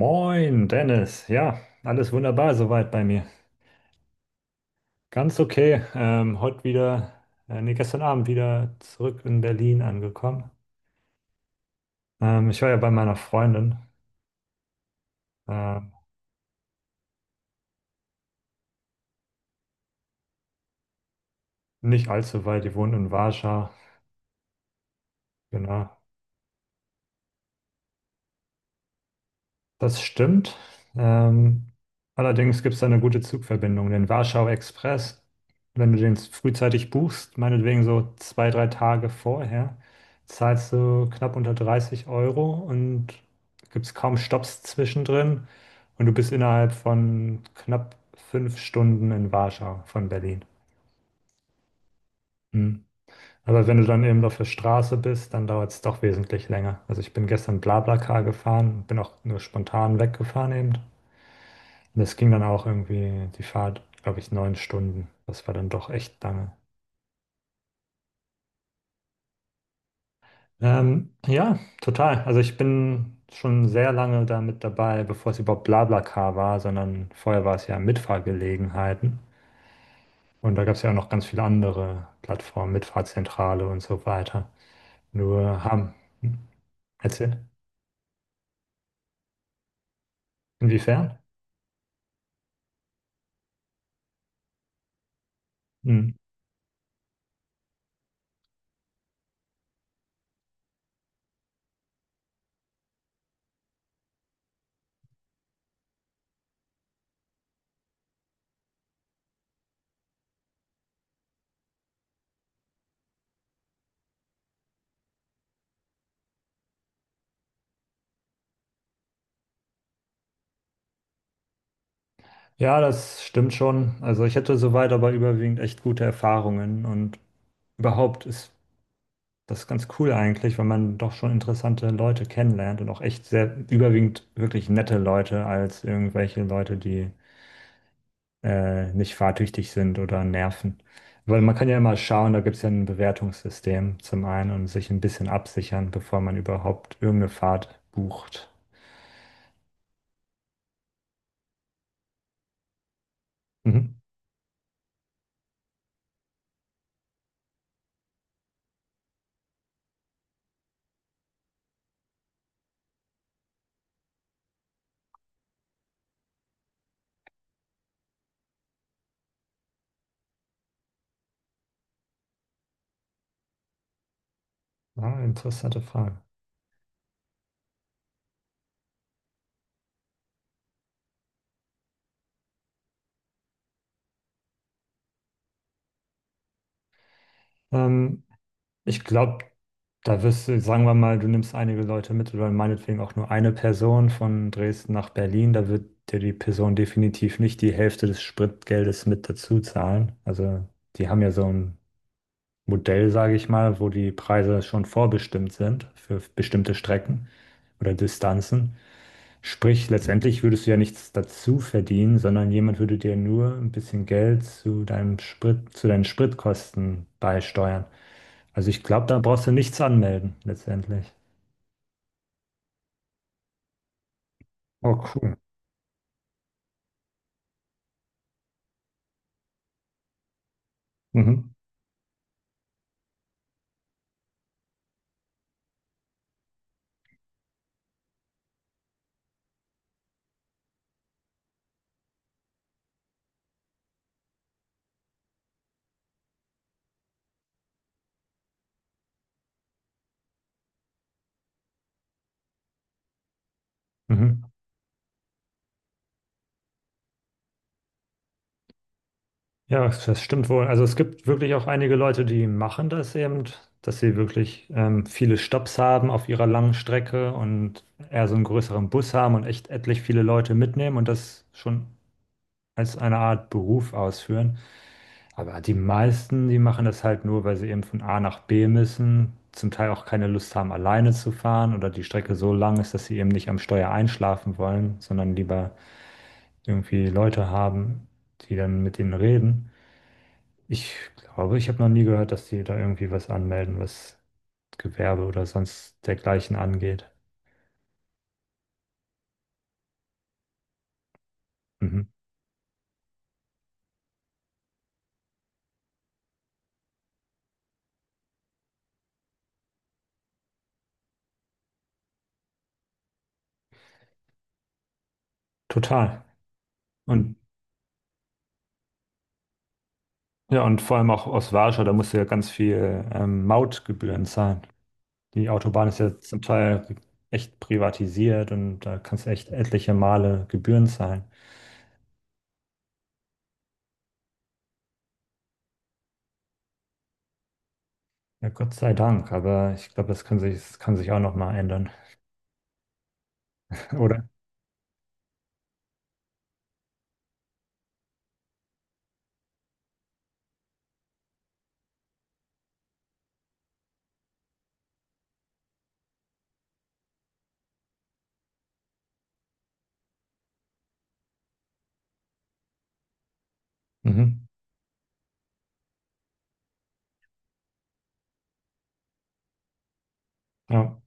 Moin, Dennis. Ja, alles wunderbar soweit bei mir. Ganz okay. Heute wieder, nee, gestern Abend wieder zurück in Berlin angekommen. Ich war ja bei meiner Freundin. Ähm, nicht allzu weit, die wohnt in Warschau. Genau. Das stimmt. Ähm, allerdings gibt es da eine gute Zugverbindung, den Warschau Express. Wenn du den frühzeitig buchst, meinetwegen so zwei, drei Tage vorher, zahlst du knapp unter 30 € und gibt es kaum Stopps zwischendrin. Und du bist innerhalb von knapp 5 Stunden in Warschau von Berlin. Hm. Aber wenn du dann eben auf der Straße bist, dann dauert es doch wesentlich länger. Also ich bin gestern BlaBlaCar gefahren, bin auch nur spontan weggefahren eben. Das ging dann auch irgendwie die Fahrt, glaube ich, 9 Stunden. Das war dann doch echt lange. Ja, total. Also ich bin schon sehr lange da mit dabei, bevor es überhaupt BlaBlaCar war, sondern vorher war es ja Mitfahrgelegenheiten. Und da gab es ja auch noch ganz viele andere Plattformen, Mitfahrzentrale und so weiter. Nur haben. Hm? Erzähl. Inwiefern? Hm. Ja, das stimmt schon. Also ich hatte soweit aber überwiegend echt gute Erfahrungen und überhaupt ist das ist ganz cool eigentlich, weil man doch schon interessante Leute kennenlernt und auch echt sehr überwiegend wirklich nette Leute als irgendwelche Leute, die nicht fahrtüchtig sind oder nerven. Weil man kann ja immer schauen, da gibt es ja ein Bewertungssystem zum einen und sich ein bisschen absichern, bevor man überhaupt irgendeine Fahrt bucht. Mhm. Ja, interessante Frage. Ähm, ich glaube, da wirst du, sagen wir mal, du nimmst einige Leute mit oder meinetwegen auch nur eine Person von Dresden nach Berlin, da wird dir die Person definitiv nicht die Hälfte des Spritgeldes mit dazu zahlen. Also die haben ja so einen Modell, sage ich mal, wo die Preise schon vorbestimmt sind für bestimmte Strecken oder Distanzen. Sprich, letztendlich würdest du ja nichts dazu verdienen, sondern jemand würde dir nur ein bisschen Geld zu deinem Sprit, zu deinen Spritkosten beisteuern. Also ich glaube, da brauchst du nichts anmelden, letztendlich. Oh, cool. Mhm. Mhm. Ja, das stimmt wohl. Also es gibt wirklich auch einige Leute, die machen das eben, dass sie wirklich viele Stopps haben auf ihrer langen Strecke und eher so einen größeren Bus haben und echt etlich viele Leute mitnehmen und das schon als eine Art Beruf ausführen. Aber die meisten, die machen das halt nur, weil sie eben von A nach B müssen, zum Teil auch keine Lust haben, alleine zu fahren oder die Strecke so lang ist, dass sie eben nicht am Steuer einschlafen wollen, sondern lieber irgendwie Leute haben, die dann mit ihnen reden. Ich glaube, ich habe noch nie gehört, dass die da irgendwie was anmelden, was Gewerbe oder sonst dergleichen angeht. Mhm. Total. Und ja, und vor allem auch aus Warschau, da musst du ja ganz viel Mautgebühren zahlen. Die Autobahn ist ja zum Teil echt privatisiert und da kannst du echt etliche Male Gebühren zahlen. Ja, Gott sei Dank, aber ich glaube, das kann sich auch noch mal ändern, oder? Mhm. Ja.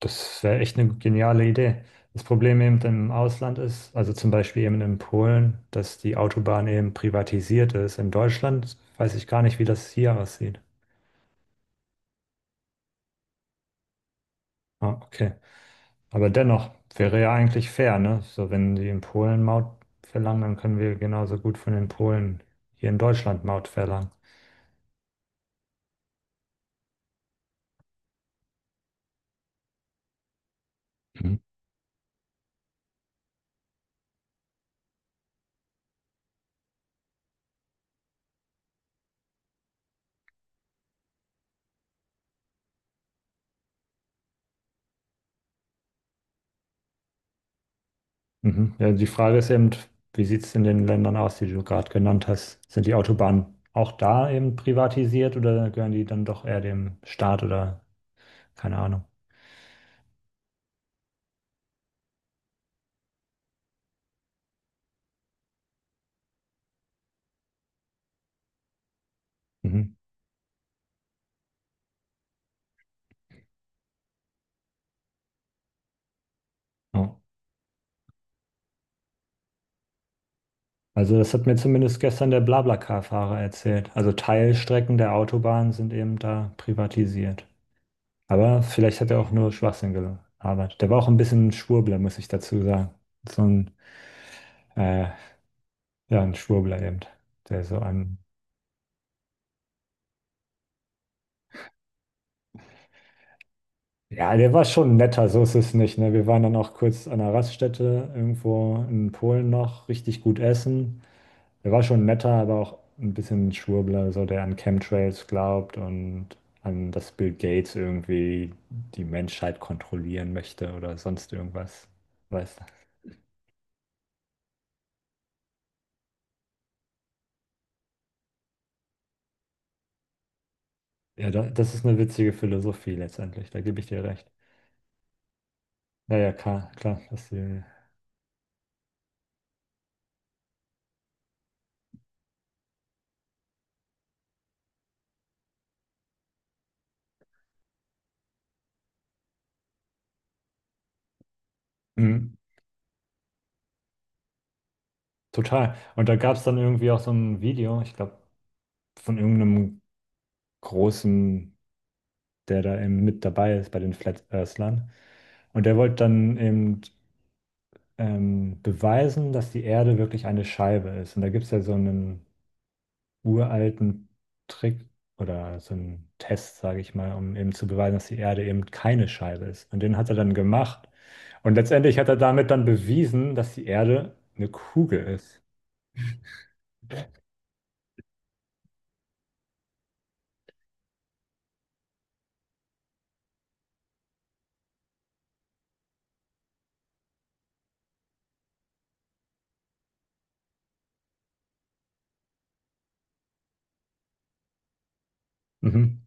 Das wäre echt eine geniale Idee. Das Problem eben im Ausland ist, also zum Beispiel eben in Polen, dass die Autobahn eben privatisiert ist. In Deutschland weiß ich gar nicht, wie das hier aussieht. Ah, okay. Aber dennoch wäre ja eigentlich fair, ne? So, wenn die in Polen Maut verlangen, dann können wir genauso gut von den Polen hier in Deutschland Maut verlangen. Mhm. Mhm. Ja, die Frage ist eben, wie sieht es in den Ländern aus, die du gerade genannt hast? Sind die Autobahnen auch da eben privatisiert oder gehören die dann doch eher dem Staat oder keine Ahnung. Mhm. Ja. Also das hat mir zumindest gestern der BlaBlaCar-Fahrer erzählt. Also Teilstrecken der Autobahn sind eben da privatisiert. Aber vielleicht hat er auch nur Schwachsinn gearbeitet. Der war auch ein bisschen ein Schwurbler, muss ich dazu sagen. So ein, äh, ja, ein Schwurbler eben. Der so ein ja, der war schon netter, so ist es nicht. Ne? Wir waren dann auch kurz an einer Raststätte irgendwo in Polen noch, richtig gut essen. Er war schon netter, aber auch ein bisschen Schwurbler, so der an Chemtrails glaubt und an das Bill Gates irgendwie die Menschheit kontrollieren möchte oder sonst irgendwas. Weißt du? Ja, das ist eine witzige Philosophie letztendlich, da gebe ich dir recht. Ja, ja, klar, klar, das die, mhm, total. Und da gab es dann irgendwie auch so ein Video, ich glaube, von irgendeinem großen, der da eben mit dabei ist bei den Flat Earthlern. Und der wollte dann eben beweisen, dass die Erde wirklich eine Scheibe ist. Und da gibt es ja so einen uralten Trick oder so einen Test, sage ich mal, um eben zu beweisen, dass die Erde eben keine Scheibe ist. Und den hat er dann gemacht. Und letztendlich hat er damit dann bewiesen, dass die Erde eine Kugel ist. Mhm.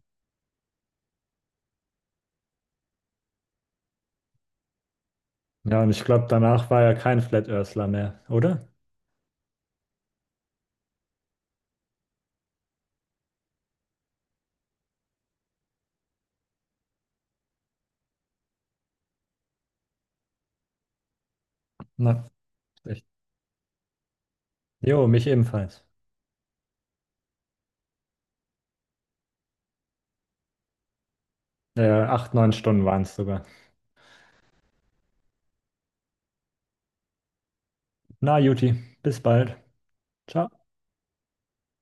Ja, und ich glaube, danach war er kein Flat Earthler mehr, oder? Na, echt. Jo, mich ebenfalls. 8, 9 Stunden waren es sogar. Na, Juti, bis bald. Ciao.